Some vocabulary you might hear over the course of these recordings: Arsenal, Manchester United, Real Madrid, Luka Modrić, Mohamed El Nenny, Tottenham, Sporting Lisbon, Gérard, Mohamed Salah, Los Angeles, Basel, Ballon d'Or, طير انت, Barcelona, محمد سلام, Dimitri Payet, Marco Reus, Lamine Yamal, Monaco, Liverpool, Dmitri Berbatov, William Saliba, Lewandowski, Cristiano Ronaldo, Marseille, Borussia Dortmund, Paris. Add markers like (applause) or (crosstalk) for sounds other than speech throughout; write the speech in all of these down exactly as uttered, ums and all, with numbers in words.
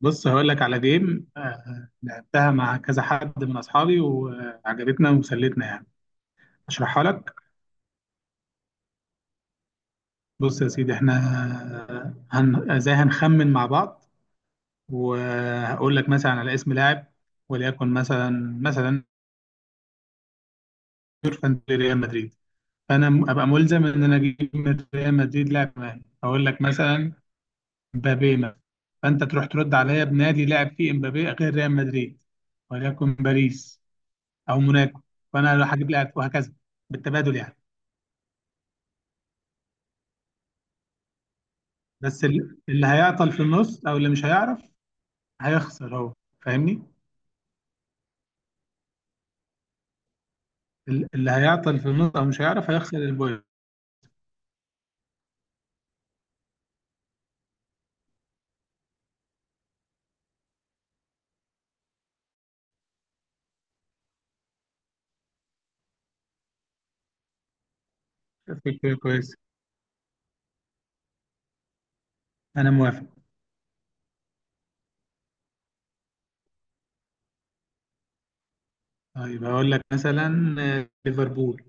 بص هقول لك على جيم آه، آه، لعبتها مع كذا حد من اصحابي وعجبتنا وسلتنا يعني. اشرحها لك. بص يا سيدي احنا آه، هن... ازاي هنخمن مع بعض وهقول لك مثلا على اسم لاعب، وليكن مثلا مثلا يورفان ريال مدريد. فانا م- ابقى ملزم ان انا اجيب من ريال مدريد لاعب معين، اقول لك مثلا مبابي مثلا. فانت تروح ترد عليا بنادي لاعب فيه مبابي غير ريال مدريد، وليكن باريس او موناكو. فانا لو هجيب لاعب وهكذا بالتبادل يعني. بس ال- اللي هيعطل في النص او اللي مش هيعرف هيخسر هو. فاهمني. ال- اللي هيعطل في النص او مش هيعرف هيخسر البوينت. فكرة كويسة. انا موافق. طيب هقول لك مثلا آه، ليفربول.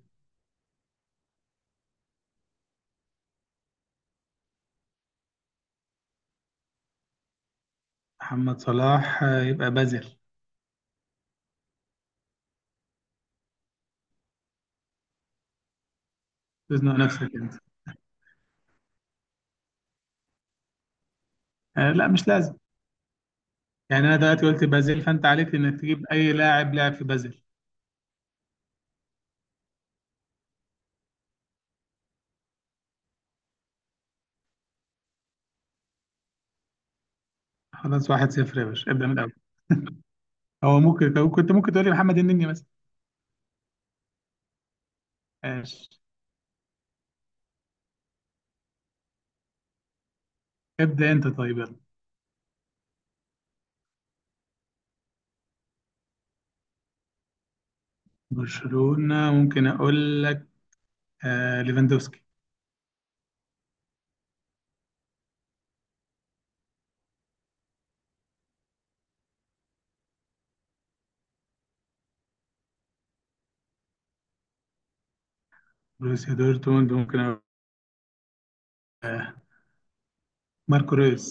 محمد صلاح آه، يبقى بازل. تزنق نفسك انت. آه، لا مش لازم. يعني انا دلوقتي قلت بازل فانت عليك انك تجيب اي لاعب لاعب في بازل. خلاص واحد صفر يا باشا، ابدا من الاول. هو ممكن كنت ممكن تقول لي محمد النني مثلا. ماشي. ابدا انت طيب يلا. برشلونة ممكن أقول لك آه ليفاندوسكي. بروسيا دورتموند ممكن أقول آه ماركو رويس.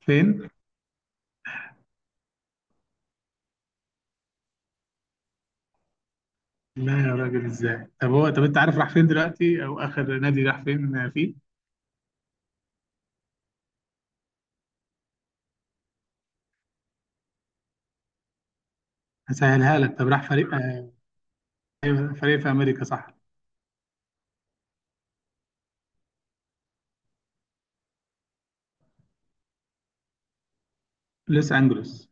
فين؟ لا يا راجل، إزاي؟ طب هو، طب أنت عارف راح فين دلوقتي أو آخر نادي راح فين آه، فيه؟ هسهلها لك. طب راح فريق آه فريق في أمريكا صح؟ لوس أنجلوس.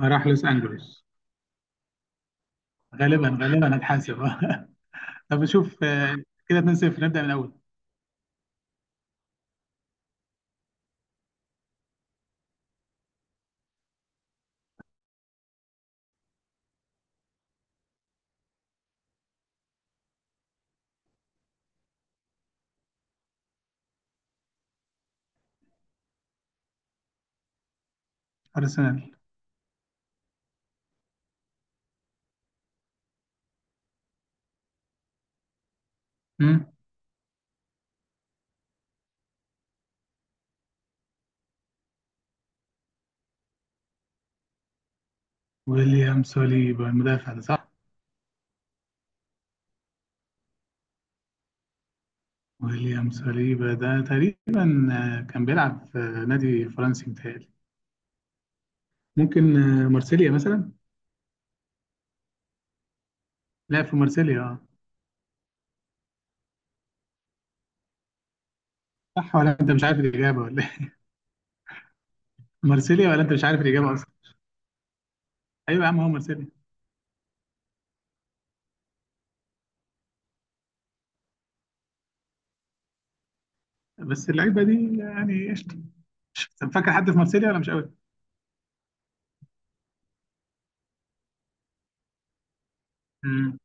آه، راح لوس أنجلوس. غالبا غالبا هتحاسب (laughs) طب شوف آه كده اتنين صفر. نبدأ من الأول. أرسنال. مم. ويليام سوليبا المدافع ده صح؟ ويليام ساليبا ده تقريبا آه، كان بيلعب في نادي فرنسي متهيألي. ممكن آه، مارسيليا مثلا. لعب في مارسيليا اه. صح ولا انت مش عارف الاجابه ولا ايه؟ (laughs) مارسيليا ولا انت مش عارف الاجابه اصلا. ايوه يا عم هو مارسيليا. بس اللعيبه دي يعني قشطه. طب فاكر حد في مارسيليا ولا مش قوي؟ مم.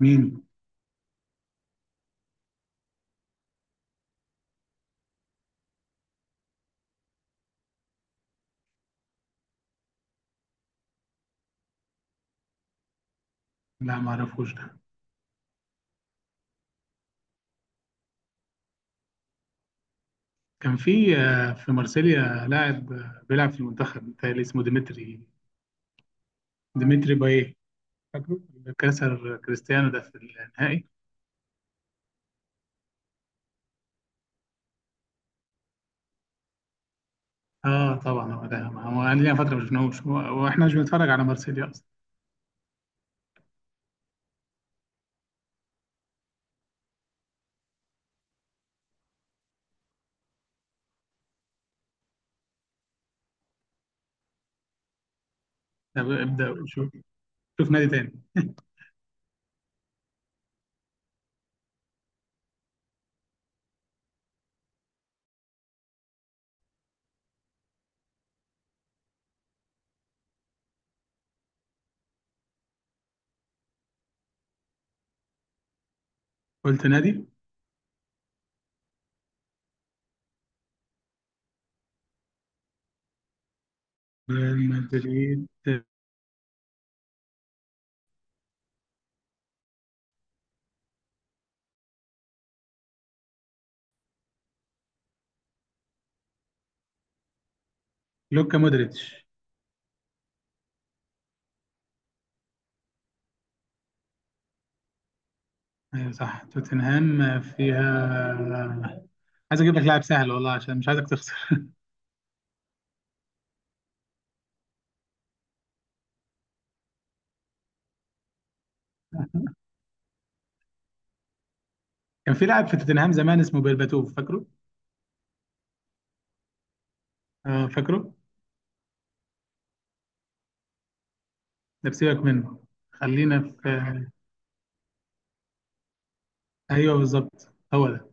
مين؟ لا ما اعرفوش ده. كان في آه، في مارسيليا لاعب آه، بيلعب في المنتخب متهيألي اسمه ديمتري ديمتري بايه، فاكره، اللي كسر كريستيانو ده في النهائي. اه طبعا هو ده، ما هو انا ليا فتره ما شفناهوش، هو- واحنا مش بنتفرج على مارسيليا اصلا. طب ابدا شوف. شوف نادي تاني. قلت نادي. ريال مدريد. لوكا مودريتش. ايوه صح توتنهام فيها. عايز اجيب لك لاعب سهل والله عشان مش عايزك تخسر. كان في لاعب في توتنهام زمان اسمه بيرباتوف، فاكره؟ آه، فاكره. ده بسيبك منه. خلينا في. ايوه بالظبط هو ده.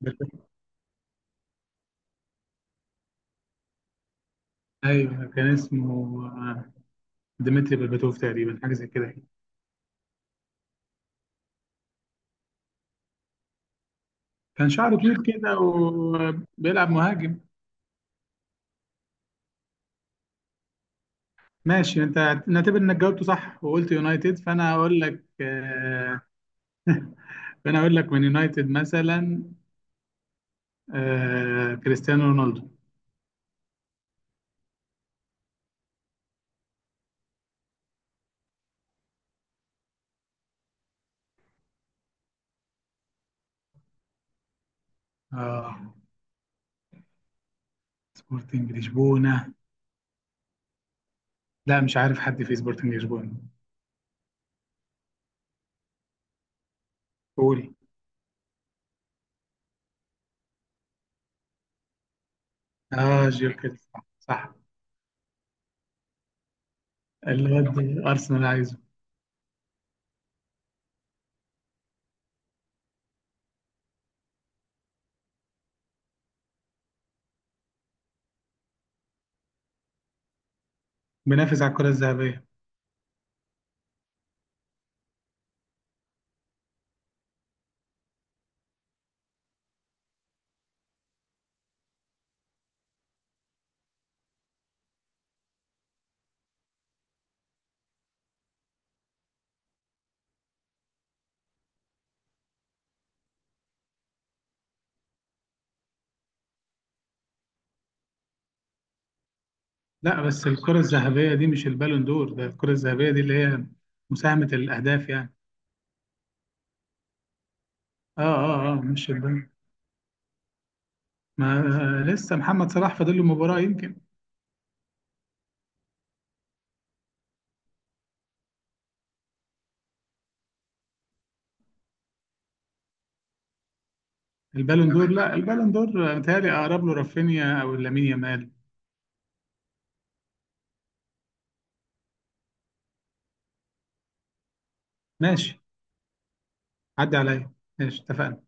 بيرباتوف. ايوه كان اسمه آه، ديمتري بيرباتوف تقريبا حاجه زي كده. كان شعره طويل كده وبيلعب مهاجم. ماشي انت. نعتبر انك جاوبته صح وقلت يونايتد. فانا هقول لك آه، فانا هقول لك من يونايتد مثلا آه، كريستيانو رونالدو. اه، سبورتنج لشبونه. لا مش عارف حد في سبورتنج لشبونه. قول. اه، جيركس صح، صح. الواد ارسنال عايزه. بينافس على الكره الذهبيه. لا بس الكره الذهبيه دي مش البالون دور، ده الكره الذهبيه دي اللي هي مساهمه الاهداف يعني. اه اه اه مش البالون. ما لسه محمد صلاح فاضل له مباراة يمكن. البالون دور، لا البالون دور متهيألي أقرب له رافينيا أو لامين يامال. ماشي. عدي عليا. ماشي اتفقنا.